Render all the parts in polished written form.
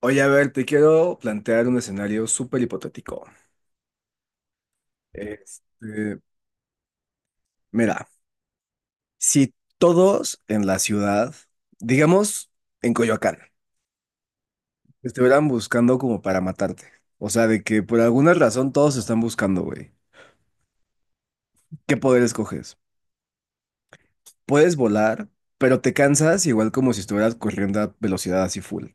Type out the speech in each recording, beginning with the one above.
Oye, a ver, te quiero plantear un escenario súper hipotético. Este, Mira, si todos en la ciudad, digamos en Coyoacán, te estuvieran buscando como para matarte, o sea, de que por alguna razón todos te están buscando, güey, ¿qué poder escoges? Puedes volar, pero te cansas igual como si estuvieras corriendo a velocidad así full.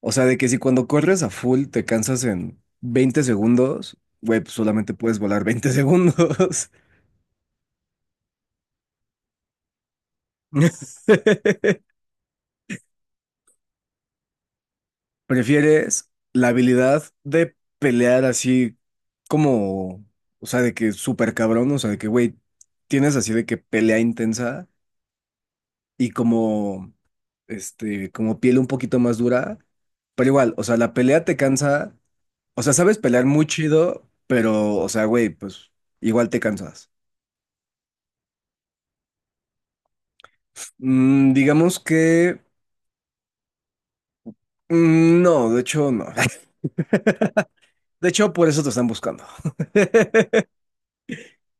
O sea, de que si cuando corres a full te cansas en 20 segundos, güey, pues solamente puedes volar 20 segundos. ¿Prefieres la habilidad de pelear así como, o sea, de que súper cabrón, o sea, de que, güey, tienes así de que pelea intensa y como, como piel un poquito más dura, pero igual, o sea, la pelea te cansa, o sea, sabes pelear muy chido, pero, o sea, güey, pues igual te cansas. Digamos que, no, de hecho, no. De hecho, por eso te están buscando.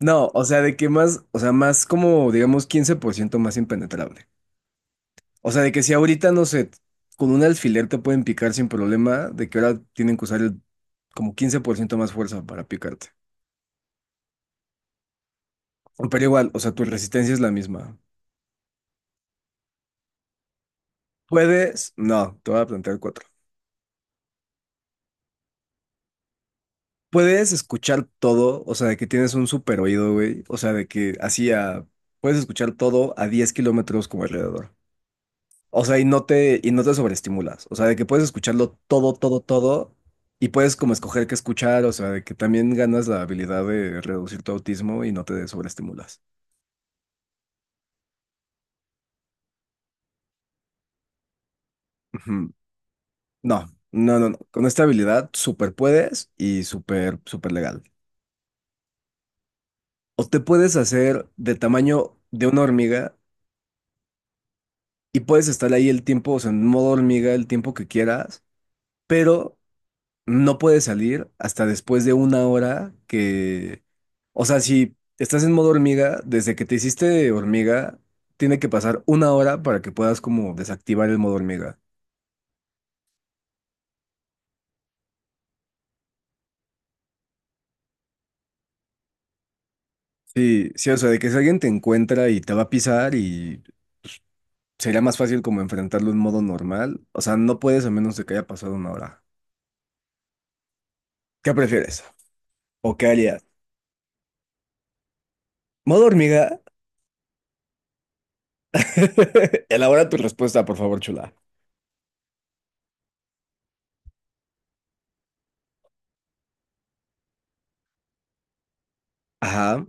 No, o sea, de que más, o sea, más como, digamos, 15% más impenetrable. O sea, de que si ahorita, no sé, con un alfiler te pueden picar sin problema, de que ahora tienen que usar el, como 15% más fuerza para picarte. Pero igual, o sea, tu resistencia es la misma. No, te voy a plantear cuatro. Puedes escuchar todo, o sea, de que tienes un super oído, güey. O sea, de que puedes escuchar todo a 10 kilómetros como alrededor. O sea, y no te sobreestimulas. O sea, de que puedes escucharlo todo, todo, todo, y puedes como escoger qué escuchar, o sea, de que también ganas la habilidad de reducir tu autismo y no te sobreestimulas. Ujú. No, no, no, no. Con esta habilidad súper puedes y súper, súper legal. O te puedes hacer de tamaño de una hormiga y puedes estar ahí el tiempo, o sea, en modo hormiga el tiempo que quieras, pero no puedes salir hasta después de una hora que, o sea, si estás en modo hormiga, desde que te hiciste hormiga, tiene que pasar una hora para que puedas como desactivar el modo hormiga. Sí, sí, o sea, de que si alguien te encuentra y te va a pisar y sería más fácil como enfrentarlo en modo normal, o sea, no puedes a menos de que haya pasado una hora. ¿Qué prefieres? ¿O qué harías? ¿Modo hormiga? Elabora tu respuesta, por favor, chula. Ajá,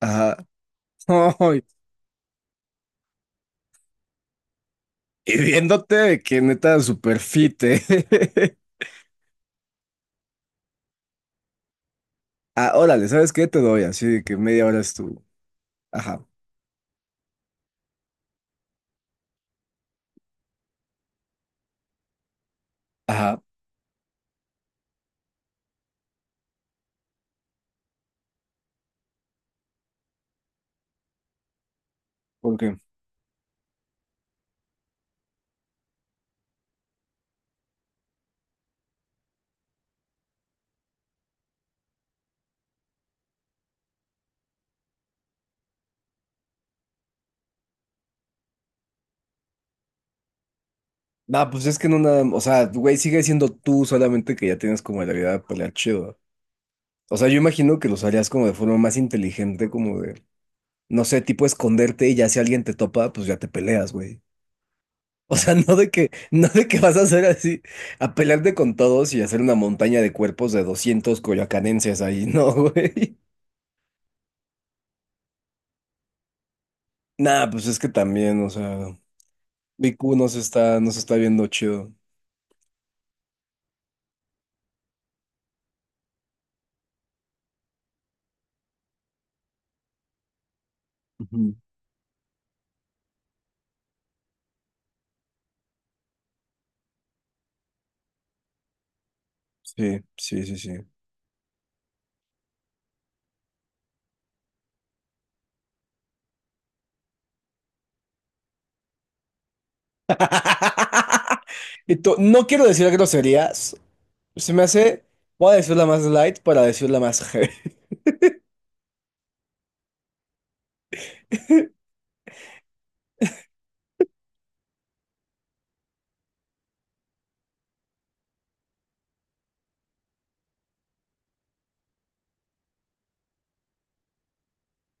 ajá. Ay, y viéndote de que neta super fit, ¿eh? Ah, órale, ¿sabes qué? Te doy así de que media hora es tu. Ajá. Ajá. ¿Por qué? Nah, pues es que no nada. O sea, güey, sigue siendo tú, solamente que ya tienes como la habilidad de pelear chido. O sea, yo imagino que lo harías como de forma más inteligente, como de, no sé, tipo esconderte y ya si alguien te topa, pues ya te peleas, güey. O sea, no de que vas a hacer así, a pelearte con todos y hacer una montaña de cuerpos de 200 coyoacanenses ahí, no, güey. Nah, pues es que también, o sea, BQ no se está viendo chido. Ujú. Sí, sí, sí, sí. Y tú no quiero decir groserías. Se me hace. Voy a decir la más light para decir la más heavy.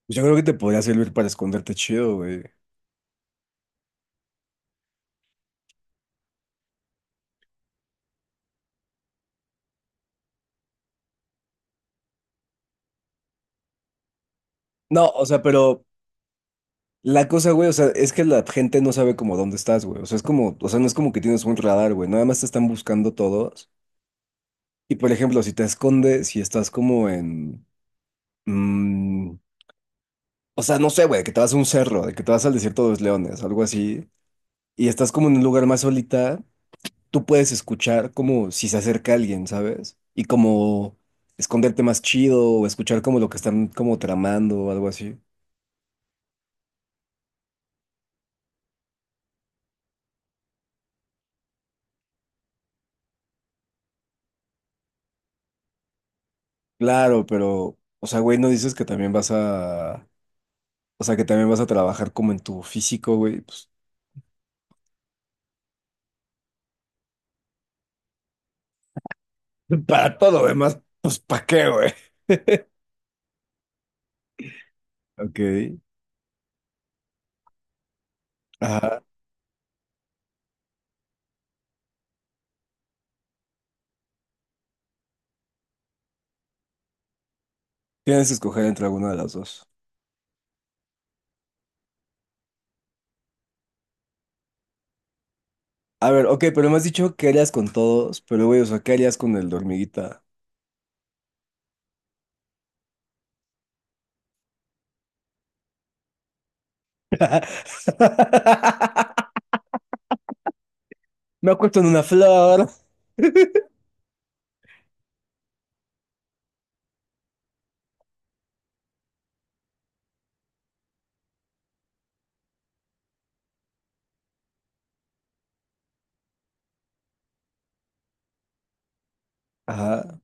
Yo creo que te podría servir para esconderte chido, güey. No, o sea, pero la cosa, güey, o sea, es que la gente no sabe como dónde estás, güey. O sea, es como, o sea, no es como que tienes un radar, güey. Nada más te están buscando todos. Y por ejemplo, si te escondes, si estás como en. Mm, o sea, no sé, güey, que te vas a un cerro, de que te vas al desierto de los leones, algo así, y estás como en un lugar más solita, tú puedes escuchar como si se acerca alguien, ¿sabes? Y como esconderte más chido o escuchar como lo que están como tramando o algo así. Claro, pero, o sea, güey, no dices que también vas a, o sea, que también vas a trabajar como en tu físico, güey, pues, para todo, lo demás, pues, ¿para qué, güey? Ok. Ajá. Tienes que escoger entre alguna de las dos. A ver, ok, pero me has dicho que harías con todos, pero güey, o sea, ¿qué harías con el de hormiguita? Me acuesto en una flor. Ajá.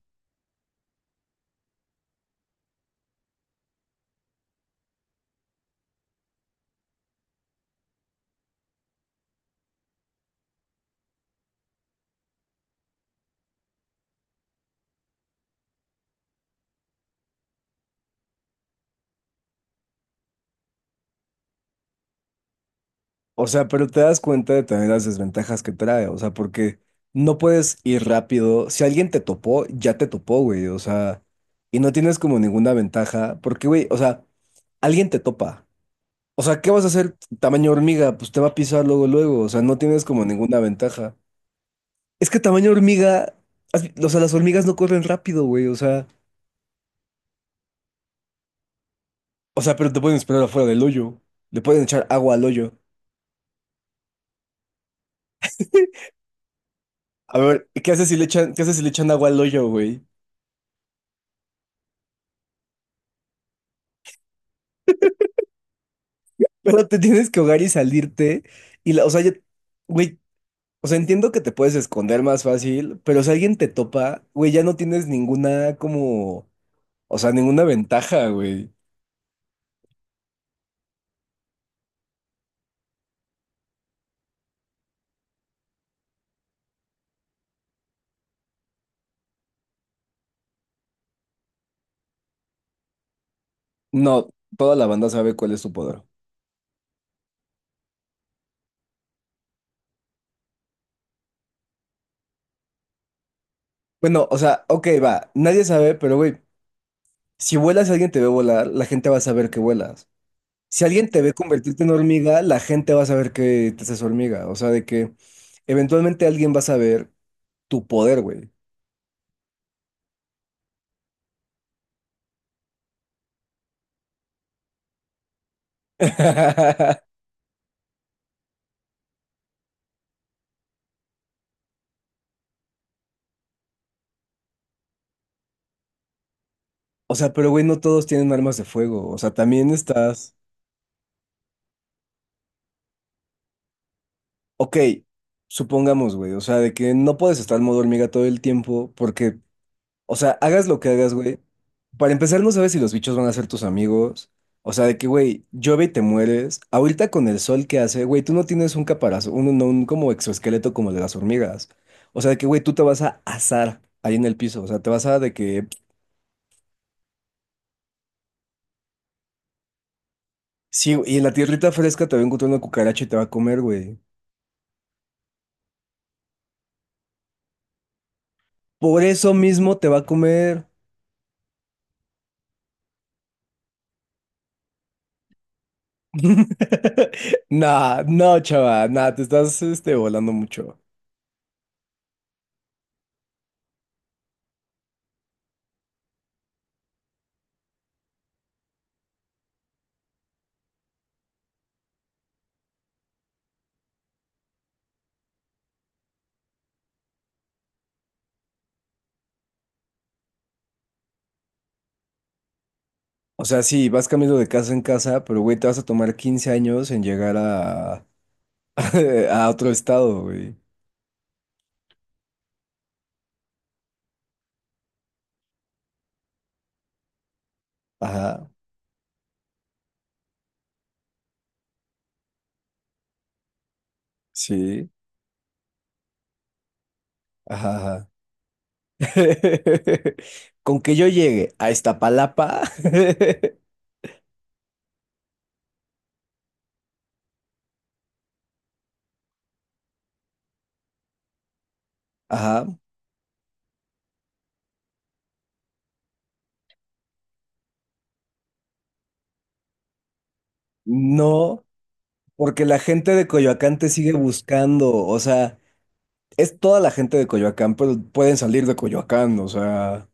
O sea, pero te das cuenta de también las desventajas que trae, o sea, porque no puedes ir rápido. Si alguien te topó, ya te topó, güey, o sea, y no tienes como ninguna ventaja, porque, güey, o sea, alguien te topa. O sea, ¿qué vas a hacer tamaño hormiga? Pues te va a pisar luego, luego, o sea, no tienes como ninguna ventaja. Es que tamaño hormiga, o sea, las hormigas no corren rápido, güey, o sea, o sea, pero te pueden esperar afuera del hoyo. Le pueden echar agua al hoyo. A ver, ¿qué haces si le echan, qué haces si le echan agua al hoyo, güey? Pero te tienes que ahogar y salirte. Y la, o sea, ya- Güey, o sea, entiendo que te puedes esconder más fácil, pero si alguien te topa, güey, ya no tienes ninguna como, o sea, ninguna ventaja, güey. No, toda la banda sabe cuál es su poder. Bueno, o sea, ok, va, nadie sabe, pero güey. Si vuelas, alguien te ve volar, la gente va a saber que vuelas. Si alguien te ve convertirte en hormiga, la gente va a saber que te haces hormiga. O sea, de que eventualmente alguien va a saber tu poder, güey. O sea, pero güey, no todos tienen armas de fuego. O sea, también estás. Ok, supongamos, güey. O sea, de que no puedes estar en modo hormiga todo el tiempo porque o sea, hagas lo que hagas, güey. Para empezar, no sabes si los bichos van a ser tus amigos. O sea, de que, güey, llueve y te mueres. Ahorita con el sol que hace, güey, tú no tienes un caparazón, un, no, un como exoesqueleto como el de las hormigas. O sea, de que, güey, tú te vas a asar ahí en el piso. O sea, te vas a de que. Sí, y en la tierrita fresca te va a encontrar una cucaracha y te va a comer, güey. Por eso mismo te va a comer. Nah, no, chava, nah, te estás volando mucho. O sea, sí, vas cambiando de casa en casa, pero güey, te vas a tomar 15 años en llegar a, a otro estado, güey. Ajá, sí, ajá, ajá. Con que yo llegue a Iztapalapa, ajá, no, porque la gente de Coyoacán te sigue buscando, o sea, es toda la gente de Coyoacán, pero pueden salir de Coyoacán, o sea,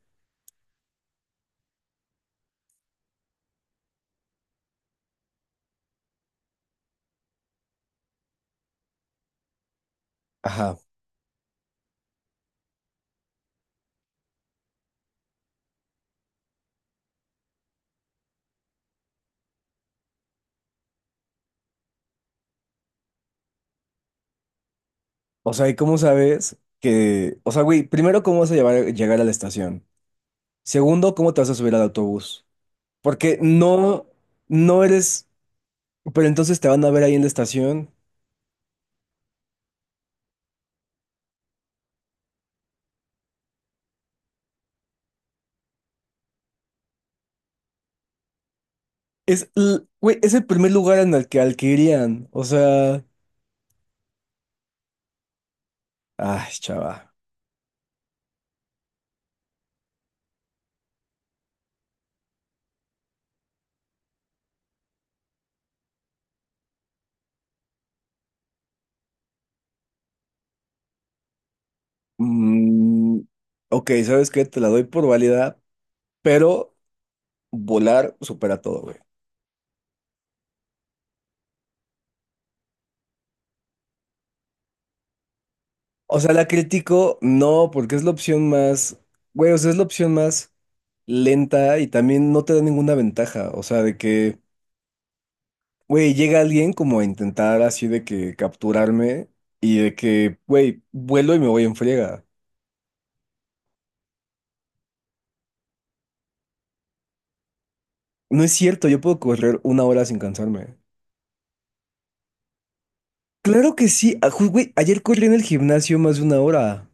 ajá. O sea, ¿y cómo sabes que, o sea, güey, primero, ¿cómo vas a llegar a la estación? Segundo, ¿cómo te vas a subir al autobús? Porque no eres, pero entonces te van a ver ahí en la estación. Güey, es el primer lugar en el que al que irían. O sea, ay, chava. Mm, ok, ¿sabes qué? Te la doy por válida, pero volar supera todo, güey. O sea, la critico, no, porque es la opción más, güey, o sea, es la opción más lenta y también no te da ninguna ventaja. O sea, de que. Güey, llega alguien como a intentar así de que capturarme y de que, güey, vuelo y me voy en friega. No es cierto, yo puedo correr una hora sin cansarme. Claro que sí, güey, ayer corrí en el gimnasio más de una hora.